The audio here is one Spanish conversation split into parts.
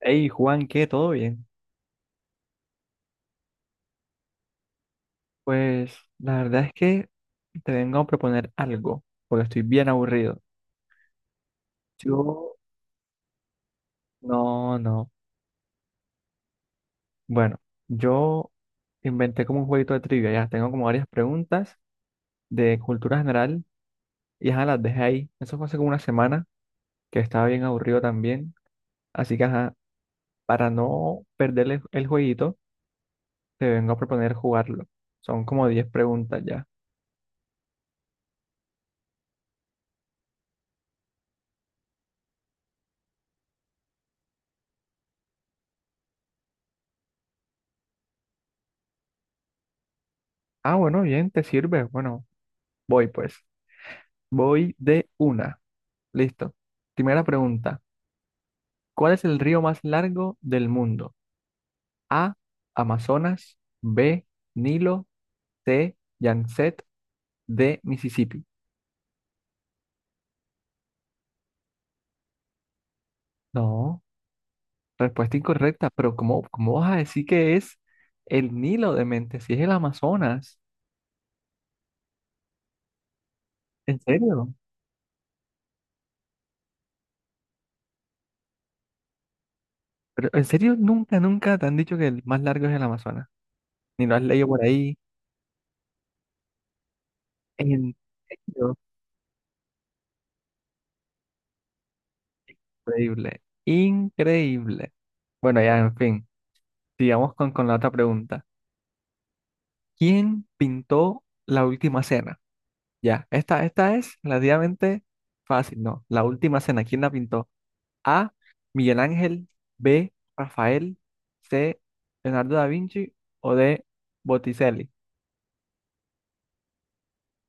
Hey Juan, ¿qué? ¿Todo bien? Pues la verdad es que te vengo a proponer algo, porque estoy bien aburrido. Yo, no, no. Bueno, yo inventé como un jueguito de trivia, ya tengo como varias preguntas de cultura general y ajá, las dejé ahí. Eso fue hace como una semana, que estaba bien aburrido también. Así que ajá, para no perderle el jueguito, te vengo a proponer jugarlo. Son como 10 preguntas ya. Ah, bueno, bien, te sirve. Bueno, voy pues. Voy de una. Listo. Primera pregunta. ¿Cuál es el río más largo del mundo? A. Amazonas. B. Nilo. C. Yangtze. D. Mississippi. No, respuesta incorrecta, pero ¿cómo vas a decir que es el Nilo de mente si es el Amazonas? ¿En serio? Pero en serio, nunca te han dicho que el más largo es el Amazonas. Ni lo has leído por ahí. En serio, increíble. Increíble. Bueno, ya, en fin. Sigamos con la otra pregunta. ¿Quién pintó la última cena? Ya, esta es relativamente fácil, ¿no? La última cena, ¿quién la pintó? A. Miguel Ángel. B. Rafael. C. Leonardo da Vinci o D. Botticelli.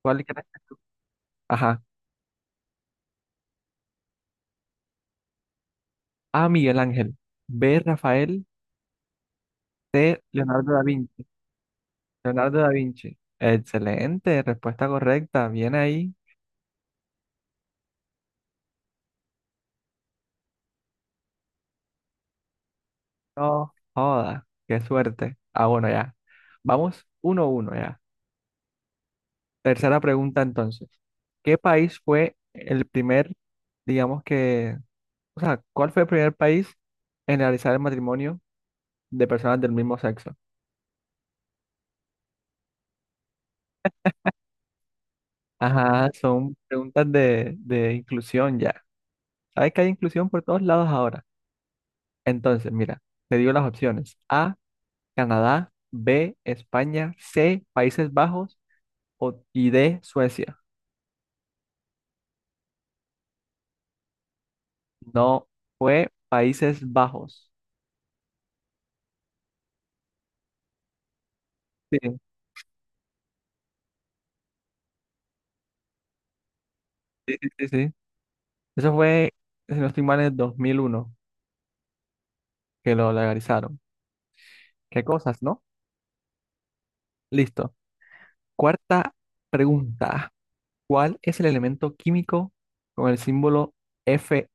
¿Cuál crees que tú? Ajá. A. Miguel Ángel. B. Rafael. C. Leonardo da Vinci. Leonardo da Vinci. Excelente, respuesta correcta. Bien ahí. No joda, qué suerte. Ah, bueno, ya. Vamos 1-1 ya. Tercera pregunta entonces. ¿Qué país fue el primer, digamos que, o sea, cuál fue el primer país en realizar el matrimonio de personas del mismo sexo? Ajá, son preguntas de inclusión ya. Sabes que hay inclusión por todos lados ahora. Entonces, mira, te digo las opciones. A, Canadá. B, España. C, Países Bajos o, y D, Suecia. No, fue Países Bajos. Sí, sí, sí, sí, sí. Eso fue, si no estoy mal, en el 2001 que lo legalizaron. ¿Qué cosas, no? Listo. Cuarta pregunta. ¿Cuál es el elemento químico con el símbolo Fe?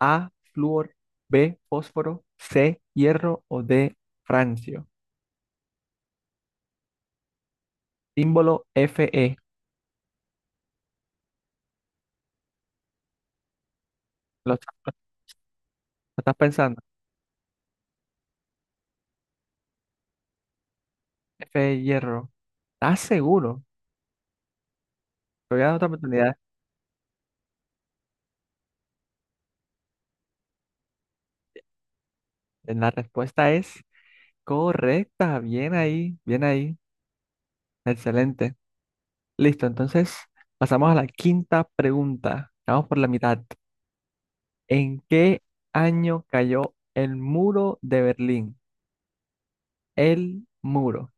A, flúor. B, fósforo. C, hierro o D, francio. Símbolo Fe. ¿Lo, estás lo estás pensando? Fe, hierro. ¿Estás seguro? Te voy a dar otra oportunidad. La respuesta es correcta. Bien ahí, bien ahí. Excelente. Listo, entonces pasamos a la quinta pregunta. Vamos por la mitad. ¿En qué año cayó el muro de Berlín? El muro.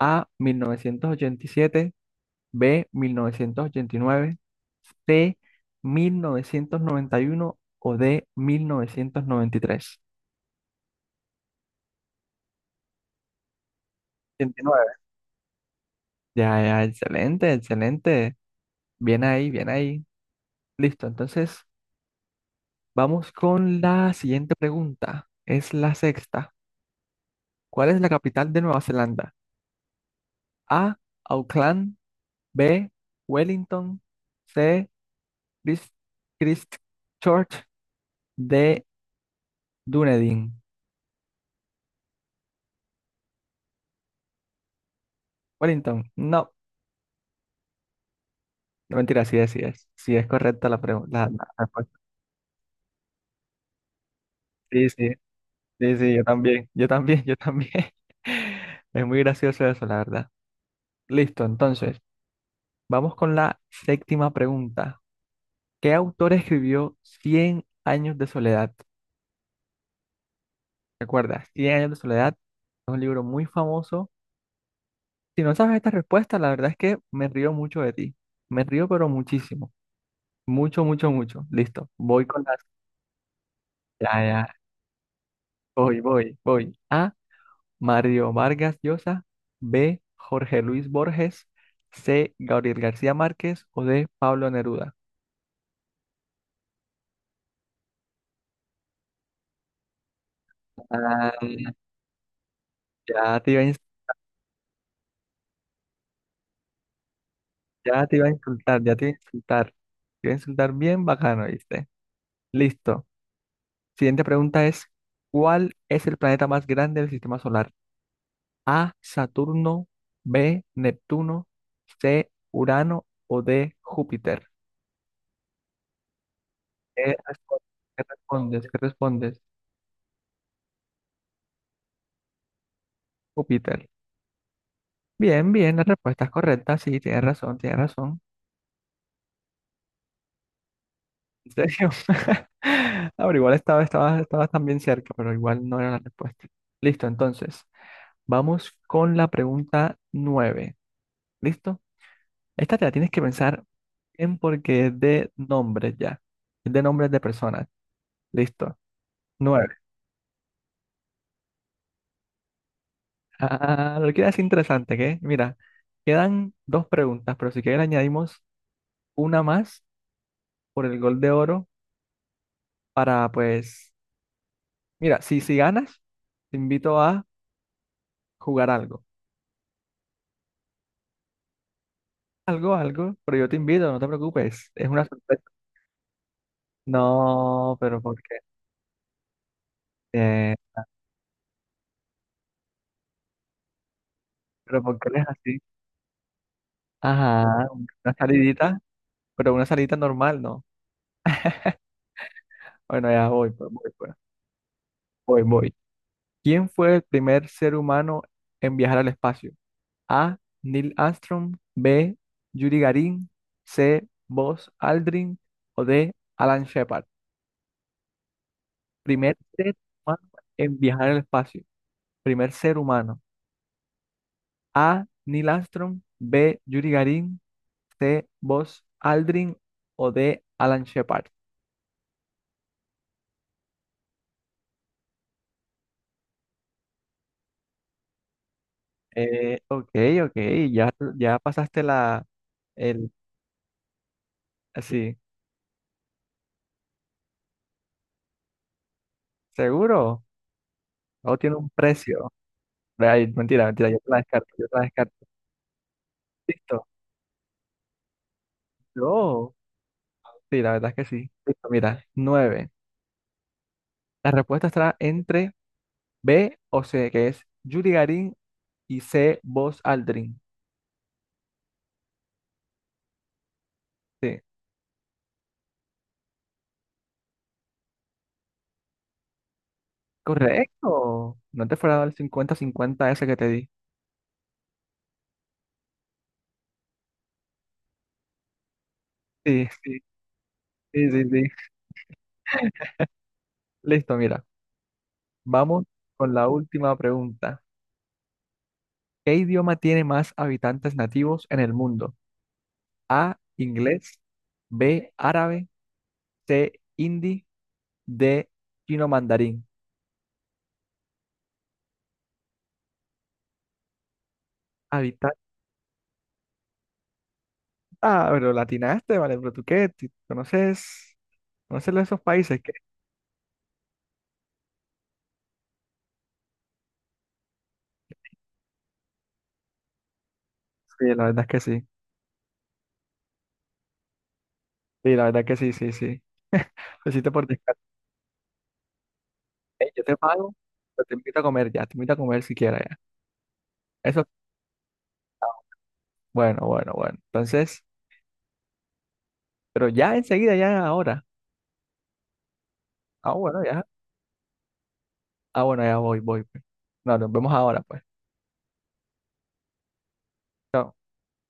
A, 1987. B, 1989. C, 1991 o D, 1993. 89. Ya, ya, excelente, excelente. Bien ahí, bien ahí. Listo, entonces vamos con la siguiente pregunta. Es la sexta. ¿Cuál es la capital de Nueva Zelanda? A, Auckland. B, Wellington. C, Christ- Christchurch. D, Dunedin. Wellington. No, no mentira, sí es, sí es. Sí es correcta la pregunta. Sí, sí, sí, sí, yo también, yo también, yo también. Es muy gracioso eso, la verdad. Listo, entonces, vamos con la séptima pregunta. ¿Qué autor escribió Cien años de soledad? Recuerda, Cien años de soledad es un libro muy famoso. Si no sabes esta respuesta, la verdad es que me río mucho de ti. Me río, pero muchísimo. Mucho, mucho, mucho. Listo. Voy con las. Ya, ya. Voy, voy, voy. A. Mario Vargas Llosa. B. Jorge Luis Borges. C. Gabriel García Márquez. O D. Pablo Neruda. Ah, ya te iba a, ins- ya te iba a insultar, ya te iba a insultar. Te iba a insultar bien bacano, ¿viste? Listo. Siguiente pregunta es: ¿Cuál es el planeta más grande del sistema solar? A, Saturno. B, Neptuno. C, Urano o D, Júpiter. ¿Qué respon- Qué respondes? ¿Qué respondes? Júpiter. Bien, bien, la respuesta es correcta. Sí, tienes razón, tienes razón. ¿En serio? Ahora, igual estaba también cerca, pero igual no era la respuesta. Listo, entonces, vamos con la pregunta 9. ¿Listo? Esta te la tienes que pensar bien porque es de nombres ya. Es de nombres de personas. Listo. Nueve. Ah, lo que es interesante, que mira, quedan dos preguntas, pero si quieres añadimos una más por el gol de oro para, pues, mira, si ganas, te invito a jugar algo. Algo, algo, pero yo te invito, no te preocupes, es una sorpresa. No, pero ¿por qué? Eh, pero ¿por qué eres así? Ajá, una salidita, pero una salidita normal, ¿no? Bueno, ya voy, pues, voy, pues, voy, voy. ¿Quién fue el primer ser humano en viajar al espacio? A. Neil Armstrong. B. Yuri Gagarin. C. Buzz Aldrin. O D. Alan Shepard. Primer ser humano en viajar al espacio. Primer ser humano. A. Neil Armstrong. B. Yuri Gagarin. C. Buzz Aldrin. O D. Alan Shepard. Ok, ok. Ya, ya pasaste la... El, sí. ¿Seguro? No tiene un precio. Ay, mentira, mentira. Yo te la descarto. Yo te la descarto. Listo. No. Sí, la verdad es que sí. Listo, mira, nueve. La respuesta estará entre B o C, que es Yuri Garin y C, Buzz Aldrin. Sí, correcto. No te fuera a dar el 50-50 ese que te di. Sí, sí, sí, sí, sí. Listo, mira. Vamos con la última pregunta. ¿Qué idioma tiene más habitantes nativos en el mundo? A, inglés. B, árabe. C, hindi. D, chino mandarín. Ah, pero latinaste, vale, pero tú qué, ¿tú conoces, conoces esos países que sí, la verdad es que sí, sí, la verdad es que sí, sí, sí? Lo hiciste por descarte. Ey, yo te pago, pero te invito a comer ya, te invito a comer si quieres ya. Eso, bueno, bueno, bueno. Entonces, pero ya enseguida, ya ahora. Ah, bueno, ya. Ah, bueno, ya voy, voy, pues. No, nos vemos ahora, pues. Chao.